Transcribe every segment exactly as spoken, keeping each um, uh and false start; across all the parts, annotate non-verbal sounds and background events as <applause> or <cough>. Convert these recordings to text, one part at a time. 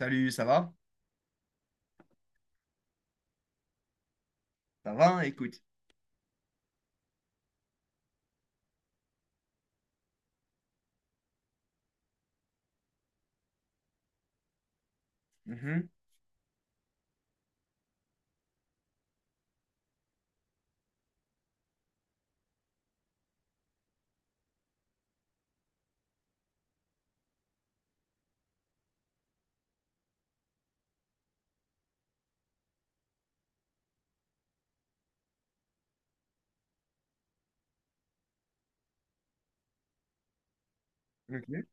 Salut, ça va? Ça va, écoute. Mhm. Ok.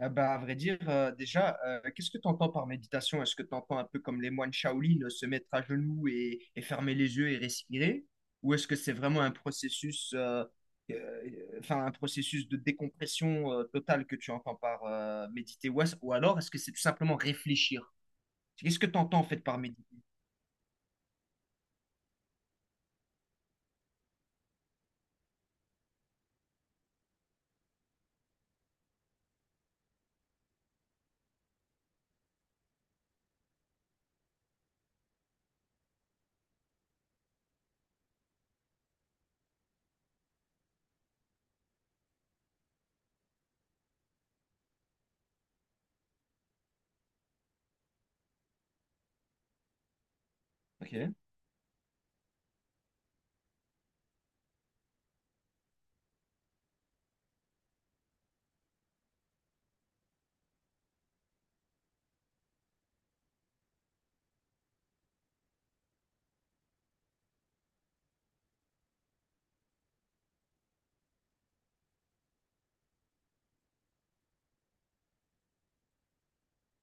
Ah bah, à vrai dire, euh, déjà, euh, qu'est-ce que tu entends par méditation? Est-ce que tu entends un peu comme les moines Shaolin, euh, se mettre à genoux et, et fermer les yeux et respirer? Ou est-ce que c'est vraiment un processus, euh, euh, enfin, un processus de décompression, euh, totale que tu entends par, euh, méditer? Ou, est-ce- ou alors, est-ce que c'est tout simplement réfléchir? Qu'est-ce que tu entends en fait par méditer? Ok.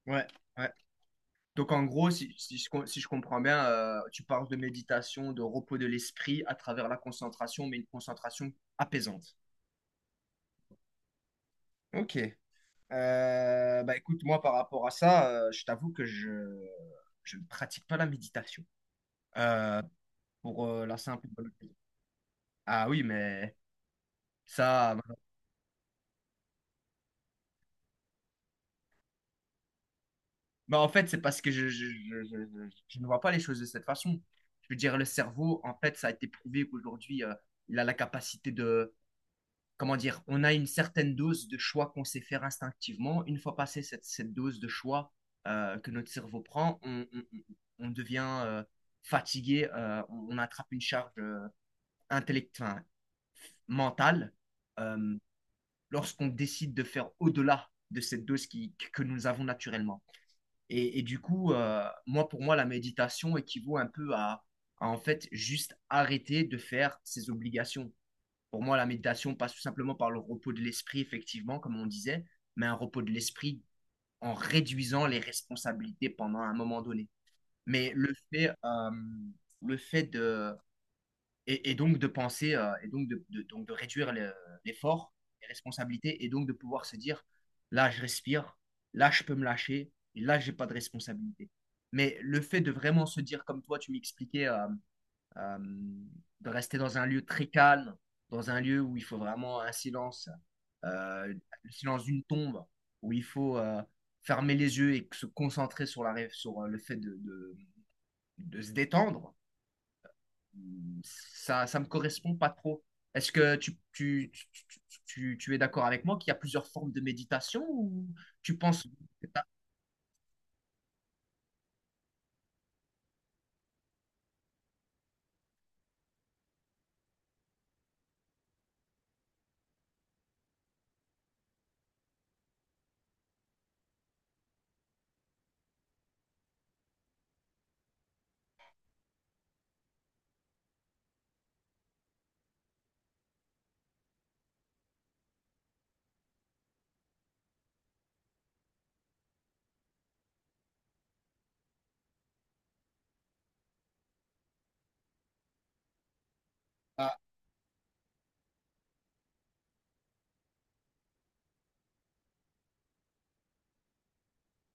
Ouais, ouais. Donc en gros, si, si je, com- si je comprends bien, euh, tu parles de méditation, de repos de l'esprit à travers la concentration, mais une concentration apaisante. Ok. Euh, bah écoute, moi par rapport à ça, euh, je t'avoue que je, je ne pratique pas la méditation. Euh, pour euh, la simple et bonne raison. Ah oui, mais ça... Bah, en fait, c'est parce que je, je, je, je, je- je ne vois pas les choses de cette façon. Je veux dire, le cerveau, en fait, ça a été prouvé qu'aujourd'hui, euh, il a la capacité de comment dire, on a une certaine dose de choix qu'on sait faire instinctivement. Une fois passée cette, cette dose de choix euh, que notre cerveau prend, on, on- on devient euh, fatigué, euh, on, on attrape une charge euh, intellectuelle, mentale. euh, Lorsqu'on décide de faire au-delà de cette dose qui, que nous avons naturellement. Et, et du coup, euh, moi, pour moi, la méditation équivaut un peu à, à en fait juste arrêter de faire ses obligations. Pour moi, la méditation passe tout simplement par le repos de l'esprit, effectivement, comme on disait, mais un repos de l'esprit en réduisant les responsabilités pendant un moment donné. Mais le fait, euh, le fait de, et, et donc de penser, euh, et donc de, de- donc de réduire le- l'effort, les responsabilités, et donc de pouvoir se dire, là, je respire, là, je peux me lâcher, et là, j'ai pas de responsabilité. Mais le fait de vraiment se dire, comme toi, tu m'expliquais, euh, euh, de rester dans un lieu très calme, dans un lieu où il faut vraiment un silence, euh, le silence d'une tombe, où il faut euh, fermer les yeux et se concentrer sur, la, sur euh, le fait de, de, de se détendre, ça ne me correspond pas trop. Est-ce que tu, tu, tu, tu tu es d'accord avec moi qu'il y a plusieurs formes de méditation ou tu penses que... Ah,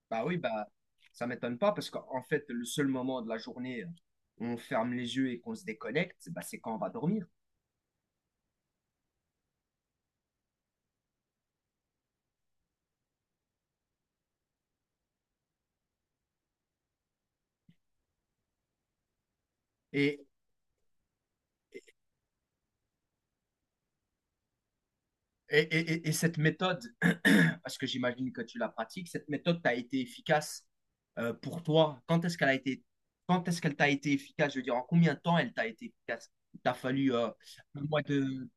bah oui, bah ça m'étonne pas parce qu'en fait, le seul moment de la journée où on ferme les yeux et qu'on se déconnecte, bah, c'est quand on va dormir. Et, et, et, et- et cette méthode, <clears throat> parce que j'imagine que tu la pratiques, cette méthode t'a été efficace euh, pour toi. Quand est-ce qu'elle a été, quand est-ce qu'elle t'a été efficace? Je veux dire, en combien de temps elle t'a été efficace? Il t'a fallu euh, un mois de...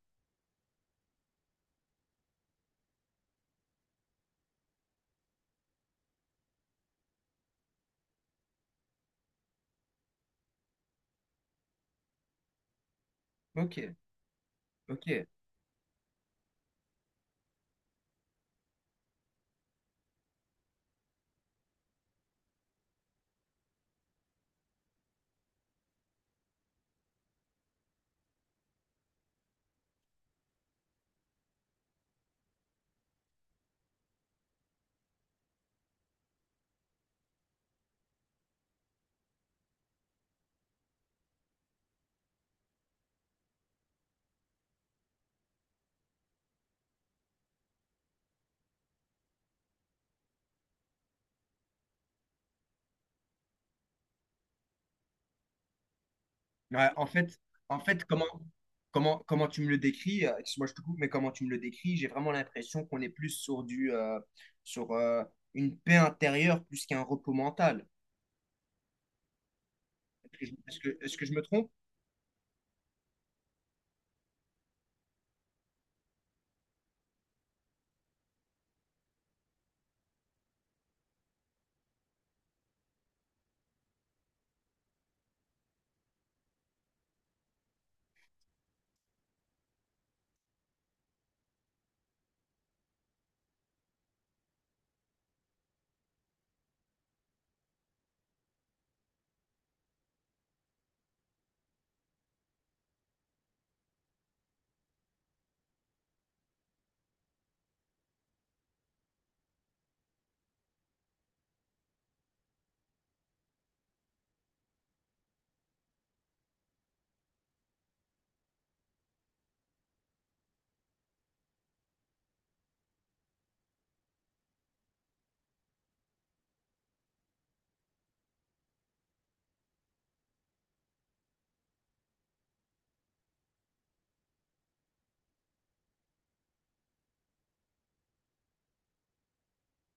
Ok, ok. Ouais, en fait, en fait, comment, comment, comment tu me le décris, euh, excuse-moi, je te coupe, mais comment tu me le décris, j'ai vraiment l'impression qu'on est plus sur du, euh, sur euh, une paix intérieure plus qu'un repos mental. Est-ce que, je est-ce que- est-ce que je me trompe?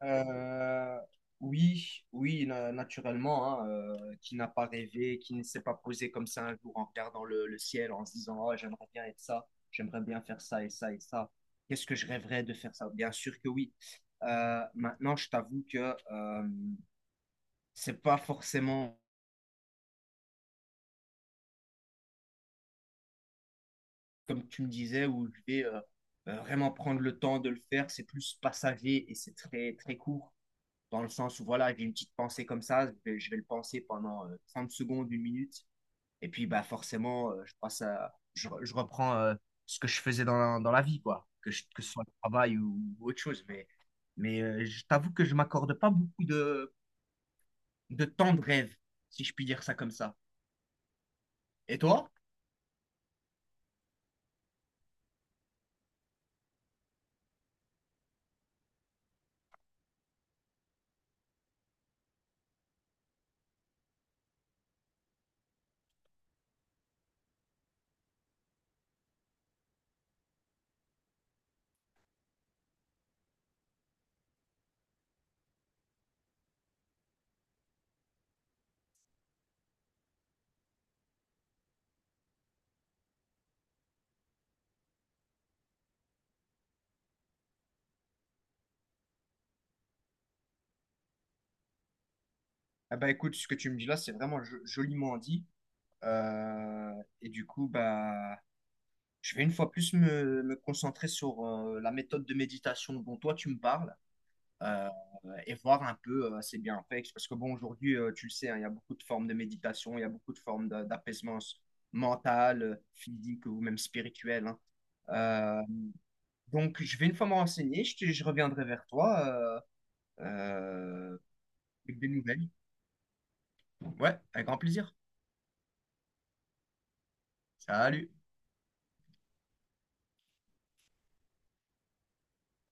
Euh, oui, oui, na- naturellement, hein, euh, qui n'a pas rêvé, qui ne s'est pas posé comme ça un jour en regardant le, le ciel, en se disant, oh, j'aimerais bien être ça, j'aimerais bien faire ça et ça et ça. Qu'est-ce que je rêverais de faire ça? Bien sûr que oui. Euh, maintenant, je t'avoue que euh, c'est pas forcément comme tu me disais où je vais euh, euh, vraiment prendre le temps de le faire. C'est plus passager et c'est très très court dans le sens où voilà, j'ai une petite pensée comme ça, je vais, je vais le penser pendant euh, trente secondes, une minute et puis bah forcément euh, je passe à je, re- je reprends euh, ce que je faisais dans la, dans la vie quoi, que, je- que ce soit le travail ou, ou autre chose mais mais euh, je t'avoue que je m'accorde pas beaucoup de de temps de rêve si je puis dire ça comme ça. Et toi? Ah bah écoute, ce que tu me dis là, c'est vraiment jo- joliment dit. Euh, et du coup, bah, je vais une fois plus me, me concentrer sur euh, la méthode de méditation dont toi tu me parles euh, et voir un peu euh, ses bienfaits. Parce que bon, aujourd'hui, euh, tu le sais, hein, il y a beaucoup de formes de méditation, il y a beaucoup de formes d'a- d'apaisement s- mental, euh, physique ou même spirituel, hein. Euh, donc, je vais une fois me renseigner, je, te- je reviendrai vers toi euh, euh, avec des nouvelles. Ouais, avec grand plaisir. Salut.